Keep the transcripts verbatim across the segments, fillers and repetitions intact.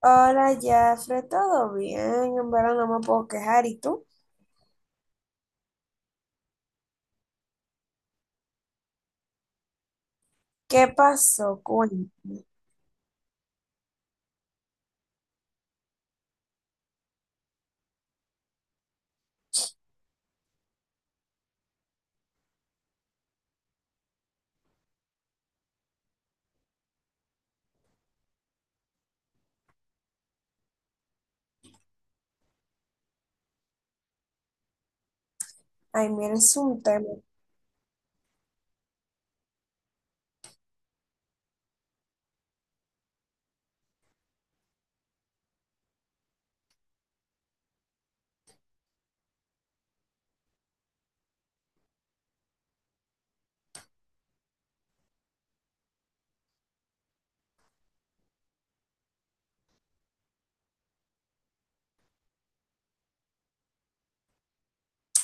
Hola, Jafre, ¿todo bien? En verdad no me puedo quejar. ¿Y tú? ¿Qué pasó? Cuéntame. Ay, mira, es un tema.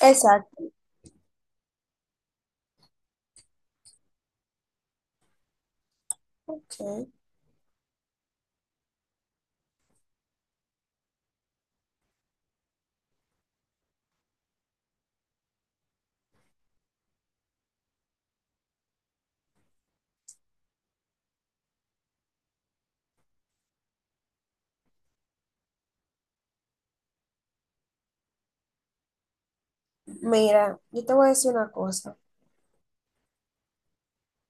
Exacto. Ok. Mira, yo te voy a decir una cosa.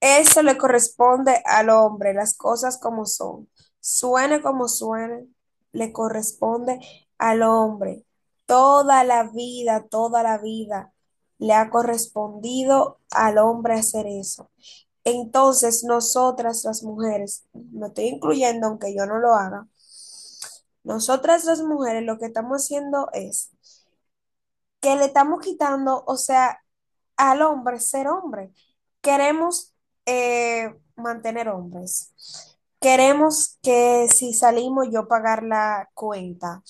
Eso le corresponde al hombre, las cosas como son. Suene como suene, le corresponde al hombre. Toda la vida, toda la vida le ha correspondido al hombre hacer eso. Entonces, nosotras las mujeres, me estoy incluyendo aunque yo no lo haga, nosotras las mujeres lo que estamos haciendo es que le estamos quitando, o sea, al hombre ser hombre. Queremos eh, mantener hombres. Queremos que si salimos yo pagar la cuenta.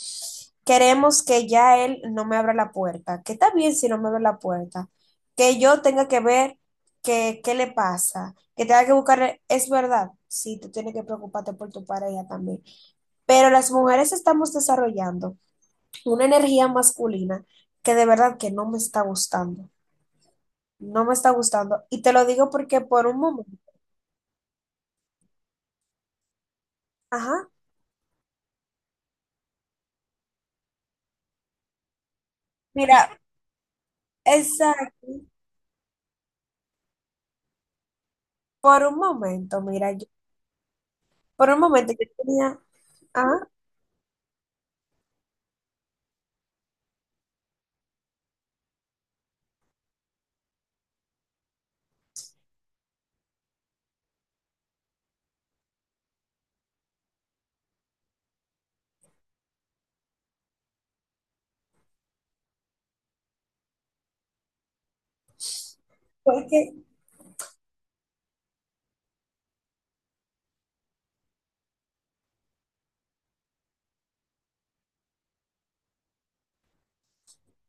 Queremos que ya él no me abra la puerta, que está bien si no me abre la puerta, que yo tenga que ver que, qué le pasa, que tenga que buscar, es verdad, sí, tú tienes que preocuparte por tu pareja también, pero las mujeres estamos desarrollando una energía masculina que de verdad que no me está gustando. No me está gustando. Y te lo digo porque por un momento, ajá, mira, exacto, por un momento, mira, yo, por un momento yo tenía, ajá, porque,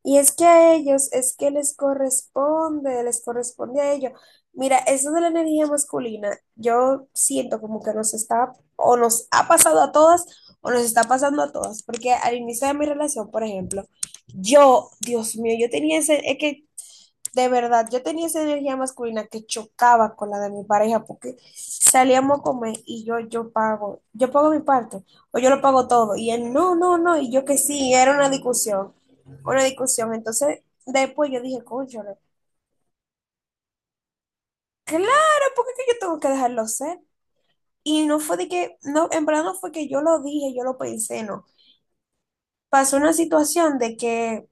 y es que a ellos, es que les corresponde, les corresponde a ellos. Mira, eso de la energía masculina, yo siento como que nos está, o nos ha pasado a todas, o nos está pasando a todas, porque al inicio de mi relación, por ejemplo, yo, Dios mío, yo tenía ese, es que de verdad, yo tenía esa energía masculina que chocaba con la de mi pareja porque salíamos a comer y yo, yo pago, yo pago mi parte o yo lo pago todo y él no, no, no y yo que sí, era una discusión, una discusión. Entonces después yo dije, cónchale, claro, porque es que yo tengo que dejarlo ser. Y no fue de que, no, en verdad no fue que yo lo dije, yo lo pensé, no. Pasó una situación de que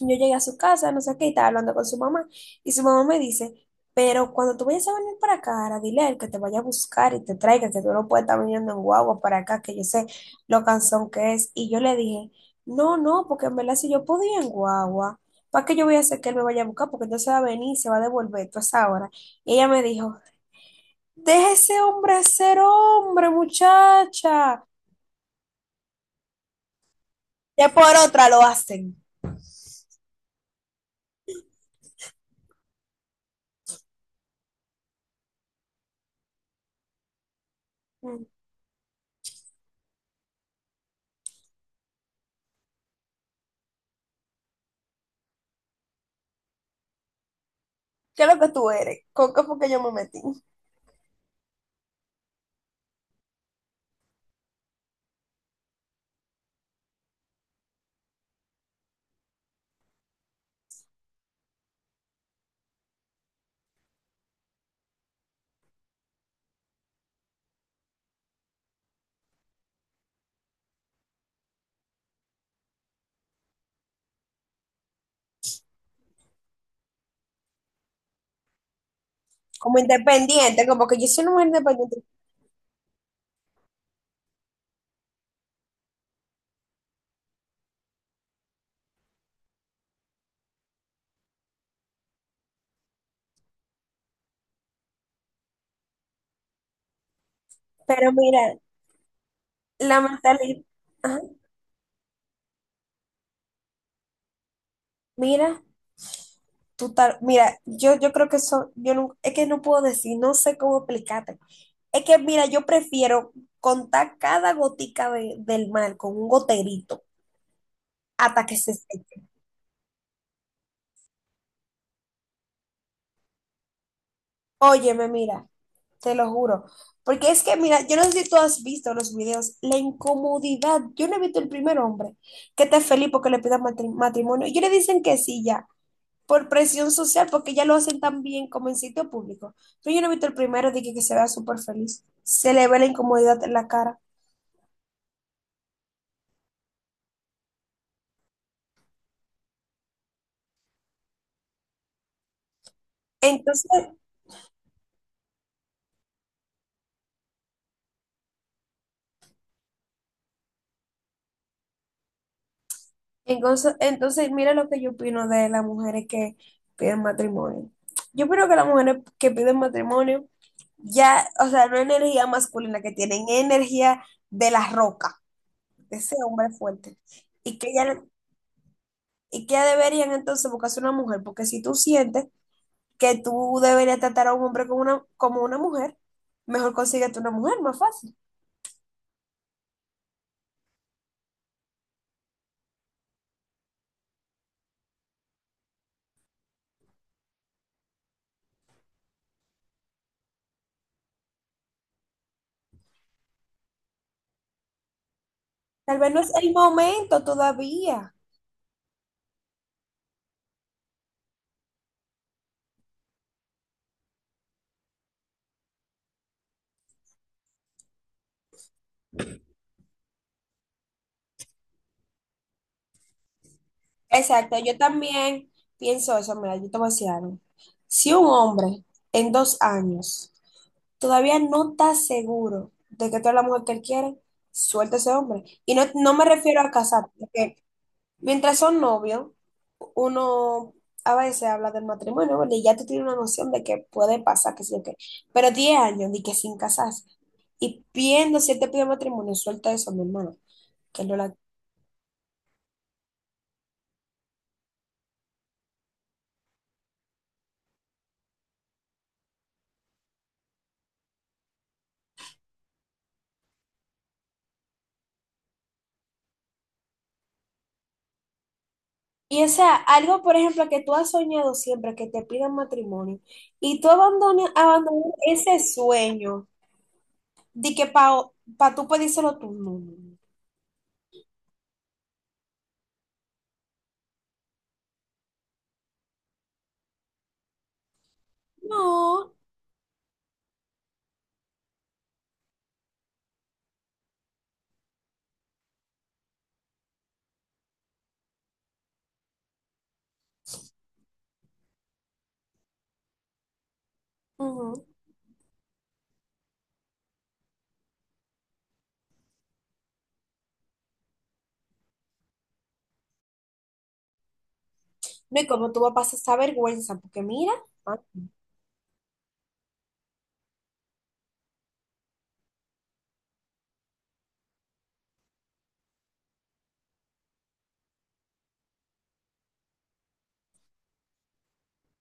yo llegué a su casa, no sé qué, y estaba hablando con su mamá. Y su mamá me dice, pero cuando tú vayas a venir para acá, ahora dile a él que te vaya a buscar y te traiga, que tú no puedes estar viniendo en guagua para acá, que yo sé lo cansón que es. Y yo le dije, no, no, porque en verdad si yo podía en guagua, ¿para qué yo voy a hacer que él me vaya a buscar? Porque entonces va a venir y se va a devolver toda esa hora. Y ella me dijo, deja ese hombre ser hombre, muchacha. Ya por otra lo hacen. Mm. ¿Qué es lo que tú eres? ¿Con qué fue que yo me metí? Como independiente, como que yo soy una mujer independiente, pero mira, la mentalidad, ajá, mira, tú tal, mira, yo, yo creo que eso, yo no, es que no puedo decir, no sé cómo explicarte. Es que mira, yo prefiero contar cada gotica de- del mar con un goterito hasta que se seque. Óyeme, mira, te lo juro. Porque es que, mira, yo no sé si tú has visto los videos, la incomodidad. Yo no he visto el primer hombre que está feliz porque le pidan matri- matrimonio. Y ellos le dicen que sí ya. Por presión social, porque ya lo hacen tan bien como en sitio público. Pero yo no he visto el primero de que, que se vea súper feliz. Se le ve la incomodidad en la cara. Entonces, entonces, entonces, mira lo que yo opino de las mujeres que piden matrimonio. Yo opino que las mujeres que piden matrimonio, ya, o sea, no es energía masculina que tienen, es energía de la roca, de ese hombre fuerte. Y que ya, y que ya deberían entonces buscarse una mujer, porque si tú sientes que tú deberías tratar a un hombre como una, como una mujer, mejor consíguete una mujer, más fácil. Tal vez no es el momento todavía. Exacto, yo también pienso eso, mira, yo te voy a decir algo. Si un hombre en dos años todavía no está seguro de que tú eres la mujer que él quiere, suelta a ese hombre. Y no, no me refiero a casar, porque mientras son novios, uno a veces habla del matrimonio, ¿verdad? Y ya tú tienes una noción de que puede pasar, que sí o qué. Pero diez años, ni que sin casarse. Y viendo si él te pide matrimonio, suelta eso, mi hermano, que no la... Y o sea, algo, por ejemplo, que tú has soñado siempre, que te pidan matrimonio, y tú abandonas, abandonas ese sueño de que para pa tú pedírselo tú. No, no, no. No, ujú. No, y como tú vas a pasar esa vergüenza, porque mira, ah,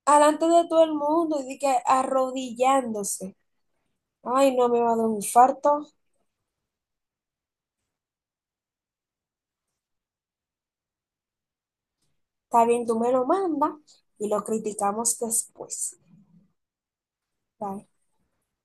alante de todo el mundo y di que arrodillándose. Ay, no me va a dar un infarto. Está bien, tú me lo manda y lo criticamos después. Bye.